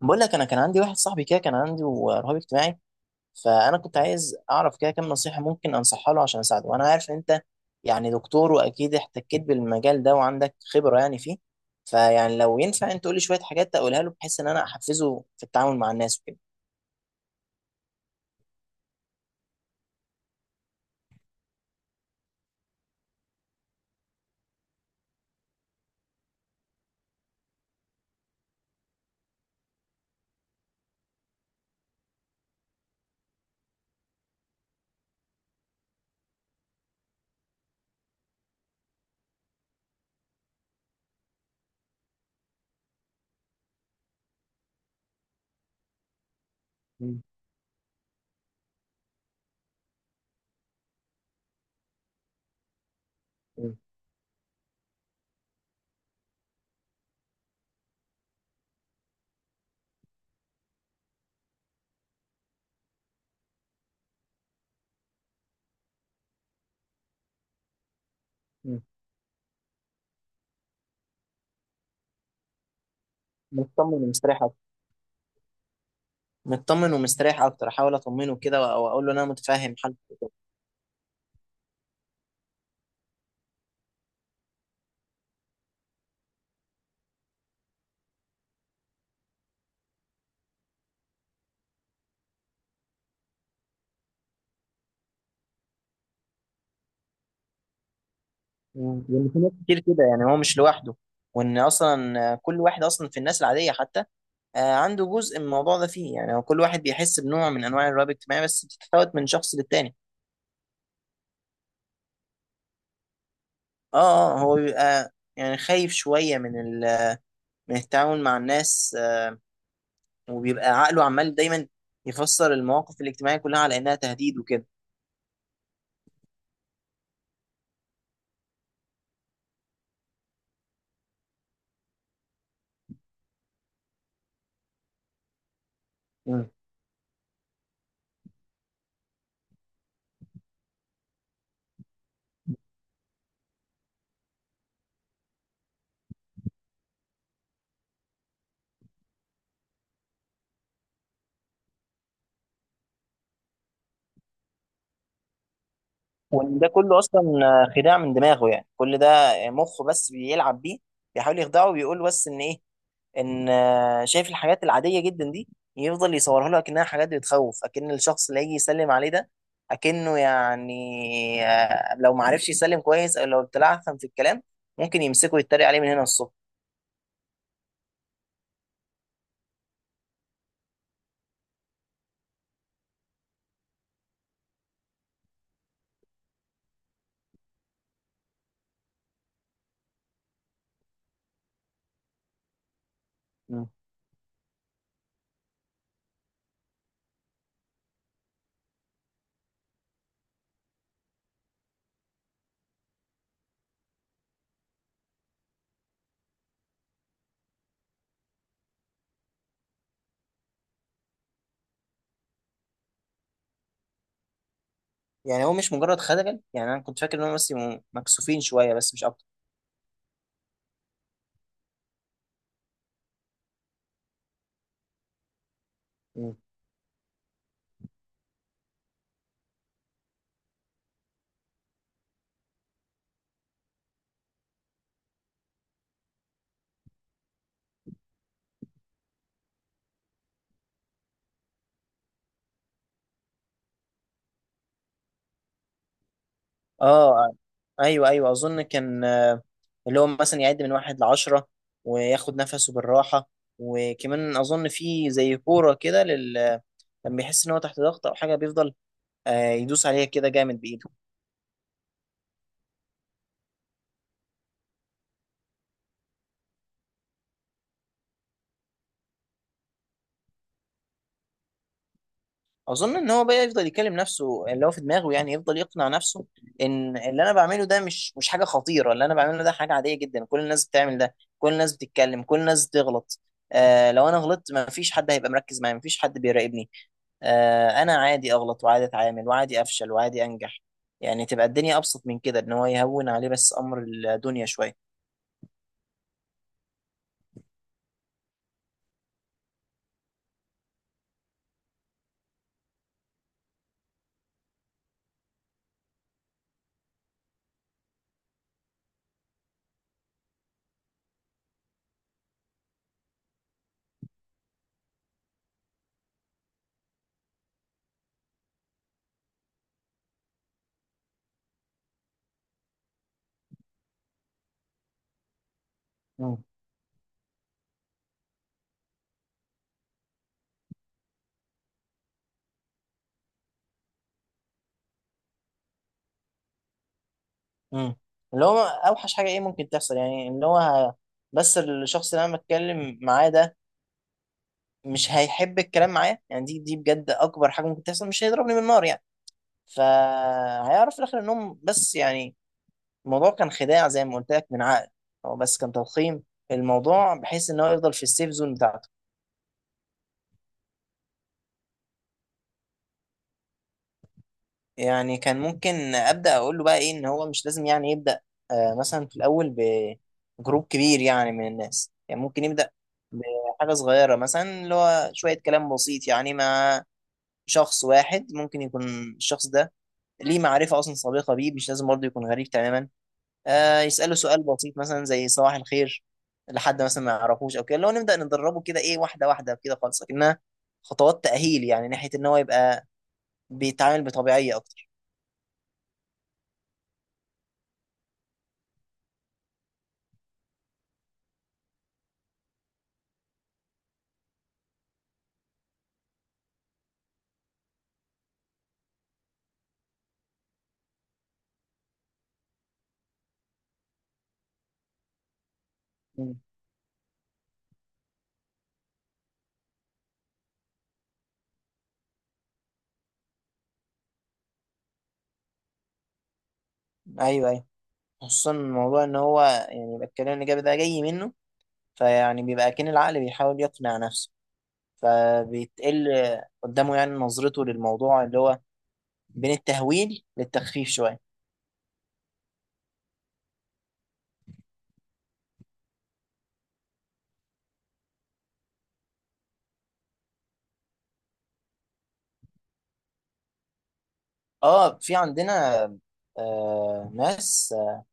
بقول لك انا كان عندي واحد صاحبي كده كان عنده رهاب اجتماعي. فانا كنت عايز اعرف كده كام نصيحه ممكن انصحها له عشان اساعده، وانا عارف ان انت يعني دكتور، واكيد احتكيت بالمجال ده وعندك خبره يعني فيه. فيعني لو ينفع انت تقول لي شويه حاجات اقولها له بحيث ان انا احفزه في التعامل مع الناس وكده. مم. مم. مم. مطمن ومستريح اكتر. مطمن ومستريح اكتر، احاول اطمنه كده واقول له ان انا متفاهم حالته. مم. لان في ناس كتير كده يعني هو مش لوحده، وان اصلا كل واحد اصلا في الناس العاديه حتى عنده جزء من الموضوع ده فيه، يعني هو كل واحد بيحس بنوع من انواع الرهاب الاجتماعي، بس بتتفاوت من شخص للتاني. اه اه، هو بيبقى يعني خايف شوية من التعامل مع الناس. وبيبقى عقله عمال دايما يفسر المواقف الاجتماعية كلها على انها تهديد وكده. مم. وان ده كله اصلا خداع من دماغه، يعني كل ده مخه بس بيلعب بيه، بيحاول يخدعه وبيقول بس ان ايه، ان شايف الحاجات العاديه جدا دي، يفضل يصورها له اكنها حاجات بتخوف، اكن الشخص اللي هيجي يسلم عليه ده اكنه يعني لو ما عرفش يسلم كويس او لو اتلعثم في الكلام ممكن يمسكه يتريق عليه من هنا الصبح. مم. يعني هو مش مجرد خجل، يعني انا كنت فاكر ان هم بس يبقوا مكسوفين شويه بس مش اكتر. مم. اه، ايوه ايوه، اظن كان اللي هو مثلا يعد من واحد لعشرة وياخد نفسه بالراحة. وكمان أظن في زي كورة كده، لما بيحس ان هو تحت ضغط او حاجه بيفضل يدوس عليها كده جامد بايده. اظن ان هو بقى يفضل يكلم نفسه اللي هو في دماغه، يعني يفضل يقنع نفسه ان اللي انا بعمله ده مش حاجه خطيره، اللي انا بعمله ده حاجه عاديه جدا، كل الناس بتعمل ده، كل الناس بتتكلم، كل الناس بتغلط. لو انا غلطت ما فيش حد هيبقى مركز معايا، ما فيش حد بيراقبني. انا عادي اغلط وعادي اتعامل وعادي افشل وعادي انجح، يعني تبقى الدنيا ابسط من كده، ان هو يهون عليه بس امر الدنيا شويه. مم. امم اللي هو اوحش حاجه ايه ممكن تحصل، يعني ان هو بس الشخص اللي انا بتكلم معاه ده مش هيحب الكلام معايا، يعني دي بجد اكبر حاجه ممكن تحصل، مش هيضربني بالنار يعني. فهيعرف في الاخر انهم بس يعني الموضوع كان خداع زي ما قلت لك من عقل، هو بس كان تضخيم الموضوع بحيث ان هو يفضل في السيف زون بتاعته. يعني كان ممكن ابدا اقول له بقى ايه، ان هو مش لازم يعني يبدا مثلا في الاول بجروب كبير يعني من الناس، يعني ممكن يبدا بحاجه صغيره، مثلا اللي هو شويه كلام بسيط يعني مع شخص واحد، ممكن يكون الشخص ده ليه معرفه اصلا سابقه بيه، مش لازم برضه يكون غريب تماما. يساله سؤال بسيط مثلا زي صباح الخير لحد مثلا ما يعرفوش او كده، اللي هو نبدا ندربه كده، ايه، واحده واحده كده خالص، لكنها خطوات تاهيل يعني ناحيه ان هو يبقى بيتعامل بطبيعيه اكتر. مم. ايوه ايوه، خصوصا الموضوع ان هو يعني يبقى الكلام الايجابي ده جاي منه، فيعني بيبقى كأن العقل بيحاول يقنع نفسه، فبيتقل قدامه يعني نظرته للموضوع اللي هو بين التهويل للتخفيف شويه. اه، في عندنا ناس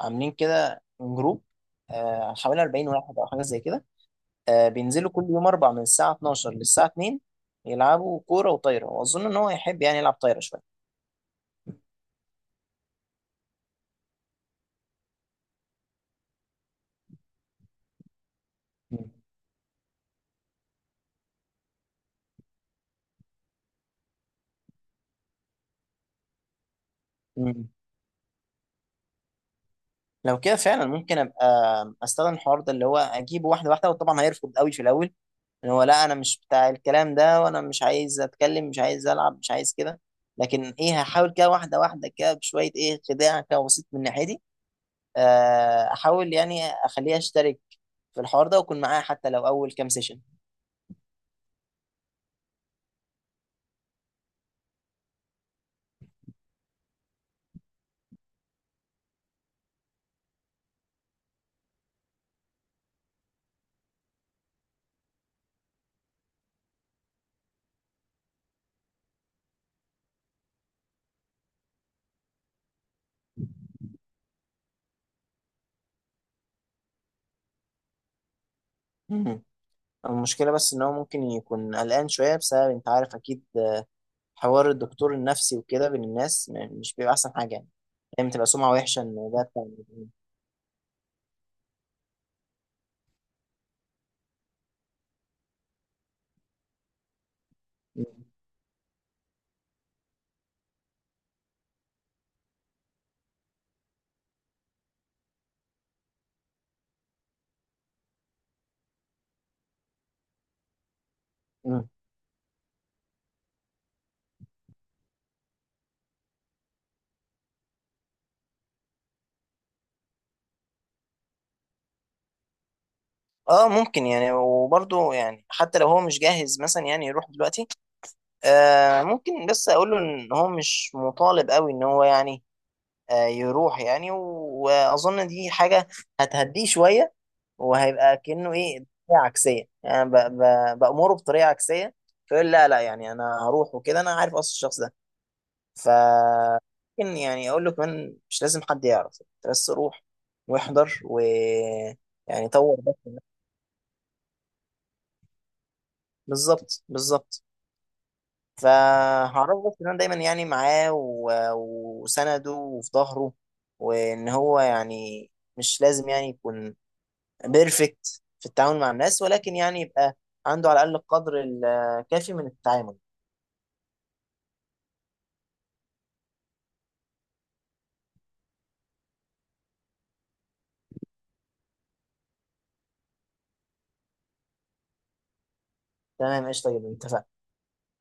عاملين كده جروب، حوالي 40 واحد او حاجه زي كده. بينزلوا كل يوم اربع من الساعه 12 للساعه 2، يلعبوا كوره وطايره، واظن ان هو يحب يعني يلعب طايره شويه. مم. لو كده فعلا ممكن ابقى استخدم الحوار ده اللي هو اجيبه واحده واحده، وطبعا هيرفض قوي في الاول، ان هو لا، انا مش بتاع الكلام ده، وانا مش عايز اتكلم، مش عايز العب، مش عايز كده. لكن ايه، هحاول كده واحده واحده كده بشويه ايه، خداع كده بسيط من ناحيتي، احاول يعني اخليه يشترك في الحوار ده واكون معاه حتى لو اول كام سيشن. مم. المشكله بس ان هو ممكن يكون قلقان شويه بسبب، انت عارف اكيد، حوار الدكتور النفسي وكده بين الناس مش بيبقى احسن حاجه يعني، دايما تبقى سمعه وحشه ان ده بتاع. مم. اه، ممكن يعني، وبرضه يعني حتى لو هو مش جاهز مثلا يعني يروح دلوقتي، ممكن بس اقول له ان هو مش مطالب قوي ان هو يعني يروح يعني واظن دي حاجه هتهديه شويه، وهيبقى كانه ايه بطريقه عكسيه، يعني بامره بطريقه عكسيه، فيقول لا لا، يعني انا هروح وكده، انا عارف اصل الشخص ده. ف ممكن يعني اقول له كمان مش لازم حد يعرف، أنت بس روح واحضر و يعني طور بس. بالظبط بالظبط. فهعرفه بس ان انا دايما يعني معاه وسنده وفي ظهره، وان هو يعني مش لازم يعني يكون بيرفكت في التعامل مع الناس، ولكن يعني يبقى عنده على الاقل القدر الكافي من التعامل. تمام، قشطه جدا، اتفقنا.